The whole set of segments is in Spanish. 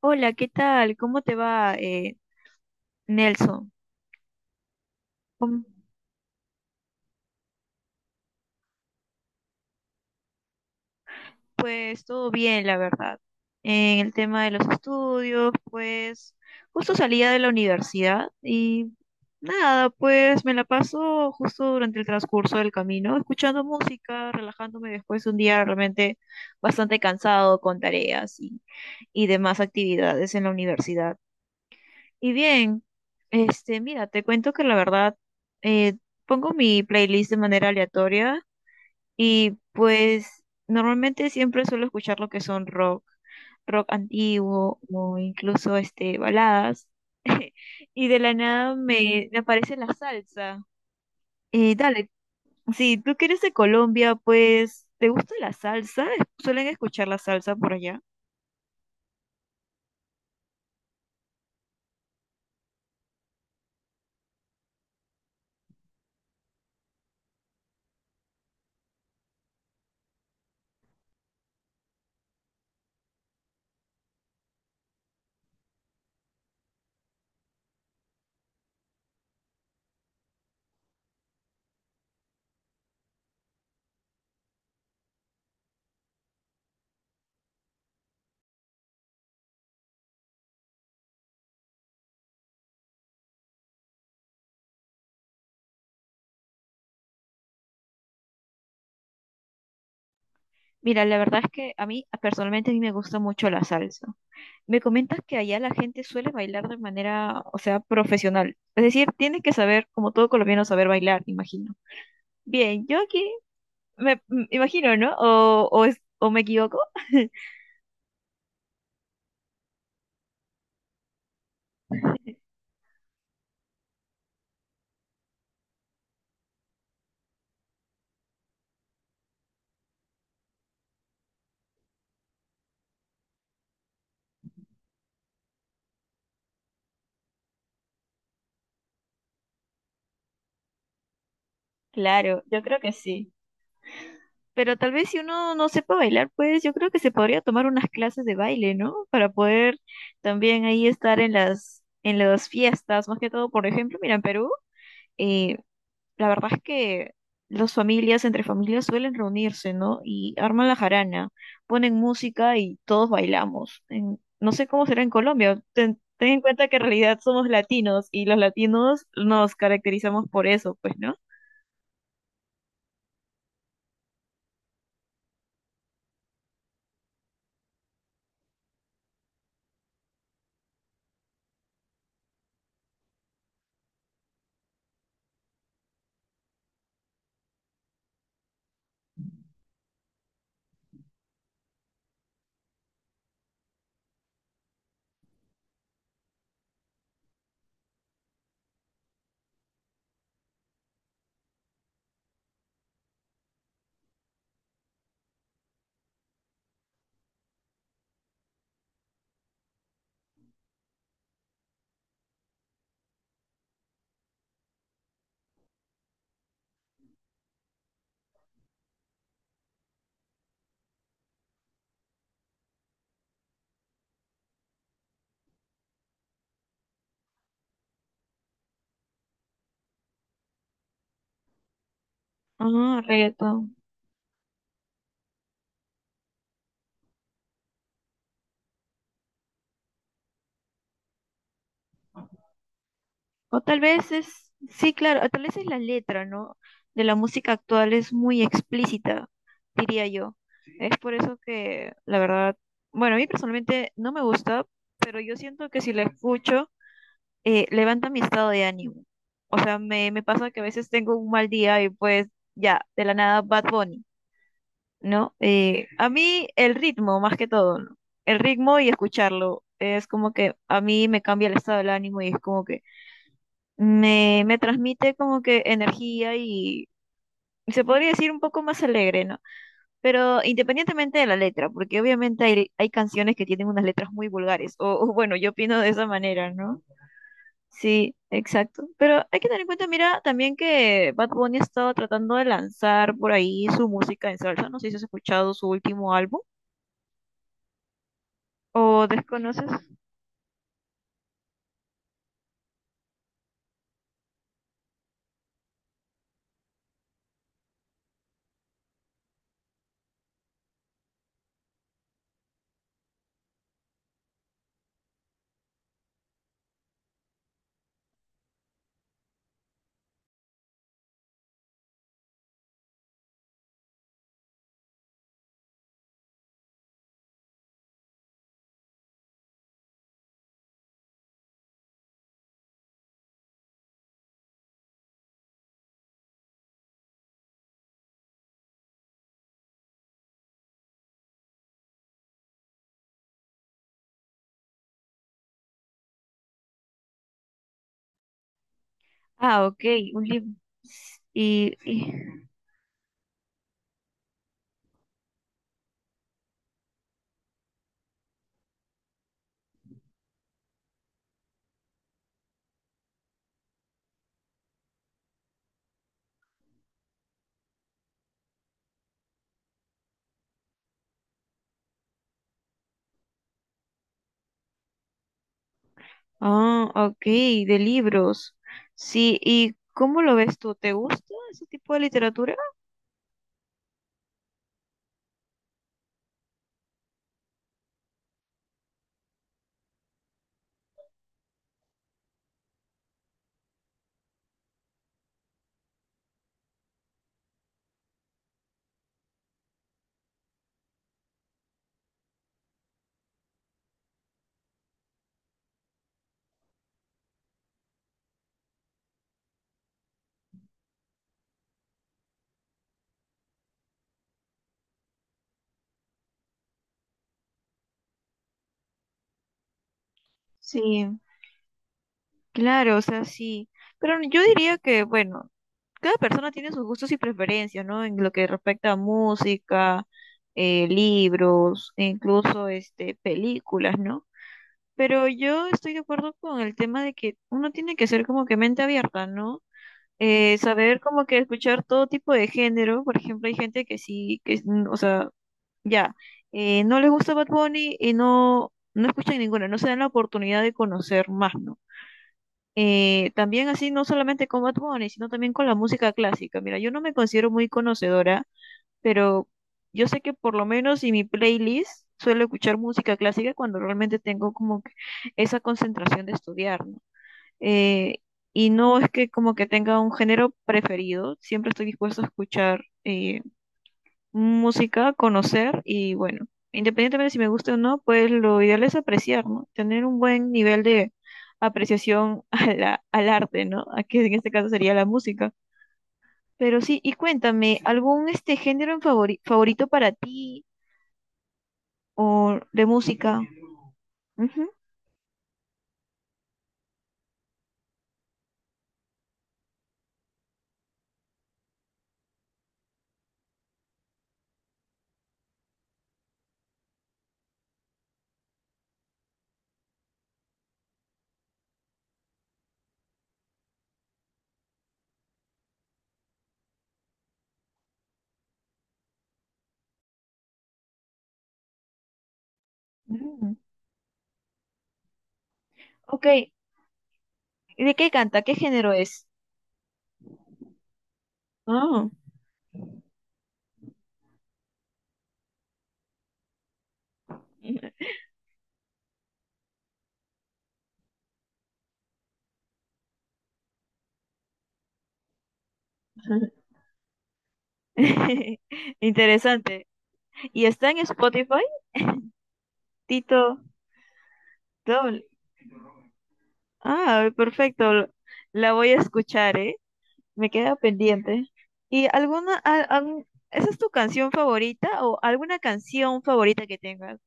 Hola, ¿qué tal? ¿Cómo te va, Nelson? Mm. Pues todo bien, la verdad. En el tema de los estudios, pues justo salía de la universidad y nada, pues me la paso justo durante el transcurso del camino, escuchando música, relajándome después de un día realmente bastante cansado con tareas y demás actividades en la universidad. Y bien, este, mira, te cuento que la verdad, eh, pongo mi playlist de manera aleatoria y pues normalmente siempre suelo escuchar lo que son rock, rock antiguo o incluso este, baladas. Y de la nada me aparece la salsa. Dale, si tú que eres de Colombia, pues, ¿te gusta la salsa? ¿Suelen escuchar la salsa por allá? Mira, la verdad es que a mí personalmente a mí me gusta mucho la salsa. Me comentas que allá la gente suele bailar de manera, o sea, profesional. Es decir, tienes que saber, como todo colombiano, saber bailar, imagino. Bien, yo aquí imagino, ¿no? O me equivoco. Claro, yo creo que sí. Pero tal vez si uno no sepa bailar, pues yo creo que se podría tomar unas clases de baile, ¿no? Para poder también ahí estar en en las fiestas, más que todo, por ejemplo, mira, en Perú. eh, la verdad es que las familias, entre familias, suelen reunirse, ¿no? Y arman la jarana, ponen música y todos bailamos. No sé cómo será en Colombia. Ten en cuenta que en realidad somos latinos y los latinos nos caracterizamos por eso, pues, ¿no? Ah, reggaetón. O tal vez es, sí, claro, o tal vez es la letra, ¿no? De la música actual es muy explícita, diría yo. Es por eso que, la verdad, bueno, a mí personalmente no me gusta, pero yo siento que si la escucho, levanta mi estado de ánimo. O sea, me pasa que a veces tengo un mal día y pues ya, de la nada Bad Bunny, ¿no? A mí el ritmo, más que todo, ¿no? El ritmo y escucharlo es como que a mí me cambia el estado del ánimo y es como que me transmite como que energía y se podría decir un poco más alegre, ¿no? Pero independientemente de la letra, porque obviamente hay canciones que tienen unas letras muy vulgares, o bueno, yo opino de esa manera, ¿no? Sí, exacto. Pero hay que tener en cuenta, mira, también que Bad Bunny ha estado tratando de lanzar por ahí su música en salsa. No sé si has escuchado su último álbum o desconoces. Ah, ok, un libro. Y, y- ah, ok, de libros. Sí, ¿y cómo lo ves tú? ¿Te gusta ese tipo de literatura? Sí. Claro, o sea, sí. Pero yo diría que, bueno, cada persona tiene sus gustos y preferencias, ¿no? En lo que respecta a música, libros, e incluso este, películas, ¿no? Pero yo estoy de acuerdo con el tema de que uno tiene que ser como que mente abierta, ¿no? Saber como que escuchar todo tipo de género. Por ejemplo, hay gente que sí, mm, o sea, ya, no les gusta Bad Bunny y no escuchan ninguna, no se dan la oportunidad de conocer más, ¿no? También así, no solamente con Bad Bunny, sino también con la música clásica. Mira, yo no me considero muy conocedora, pero yo sé que por lo menos en mi playlist suelo escuchar música clásica cuando realmente tengo como que esa concentración de estudiar, ¿no? Eh, y no es que como que tenga un género preferido, siempre estoy dispuesto a escuchar música, conocer y bueno, independientemente de si me gusta o no, pues lo ideal es apreciar, ¿no? Tener un buen nivel de apreciación a al arte, ¿no? A que en este caso sería la música. Pero sí, y cuéntame, ¿algún este género en favorito para ti o de música? Ujú, ujú. Ok, ¿de qué canta? ¿Qué género es? Ah. Interesante. ¿Y está en Spotify? Tito Doble. Ah, perfecto. La voy a escuchar, ¿eh? Me queda pendiente. ¿Y alguna, algún, esa es tu canción favorita o alguna canción favorita que tengas?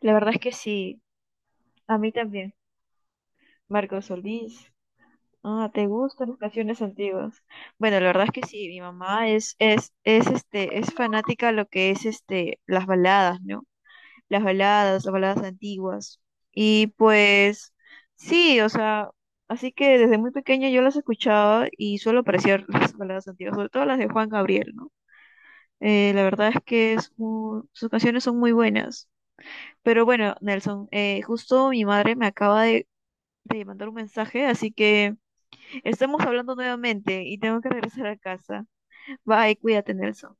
La verdad es que sí, a mí también. Marco Solís. Ah, ¿te gustan las canciones antiguas? Bueno, la verdad es que sí, mi mamá es este, es fanática a lo que es este, las baladas, ¿no? Las las baladas antiguas. Y pues sí, o sea, así que desde muy pequeña yo las escuchaba y suelo apreciar las baladas antiguas, sobre todo las de Juan Gabriel, ¿no? La verdad es que es sus canciones son muy buenas. Pero bueno, Nelson, justo mi madre me acaba de mandar un mensaje, así que estamos hablando nuevamente y tengo que regresar a casa. Bye, cuídate, Nelson.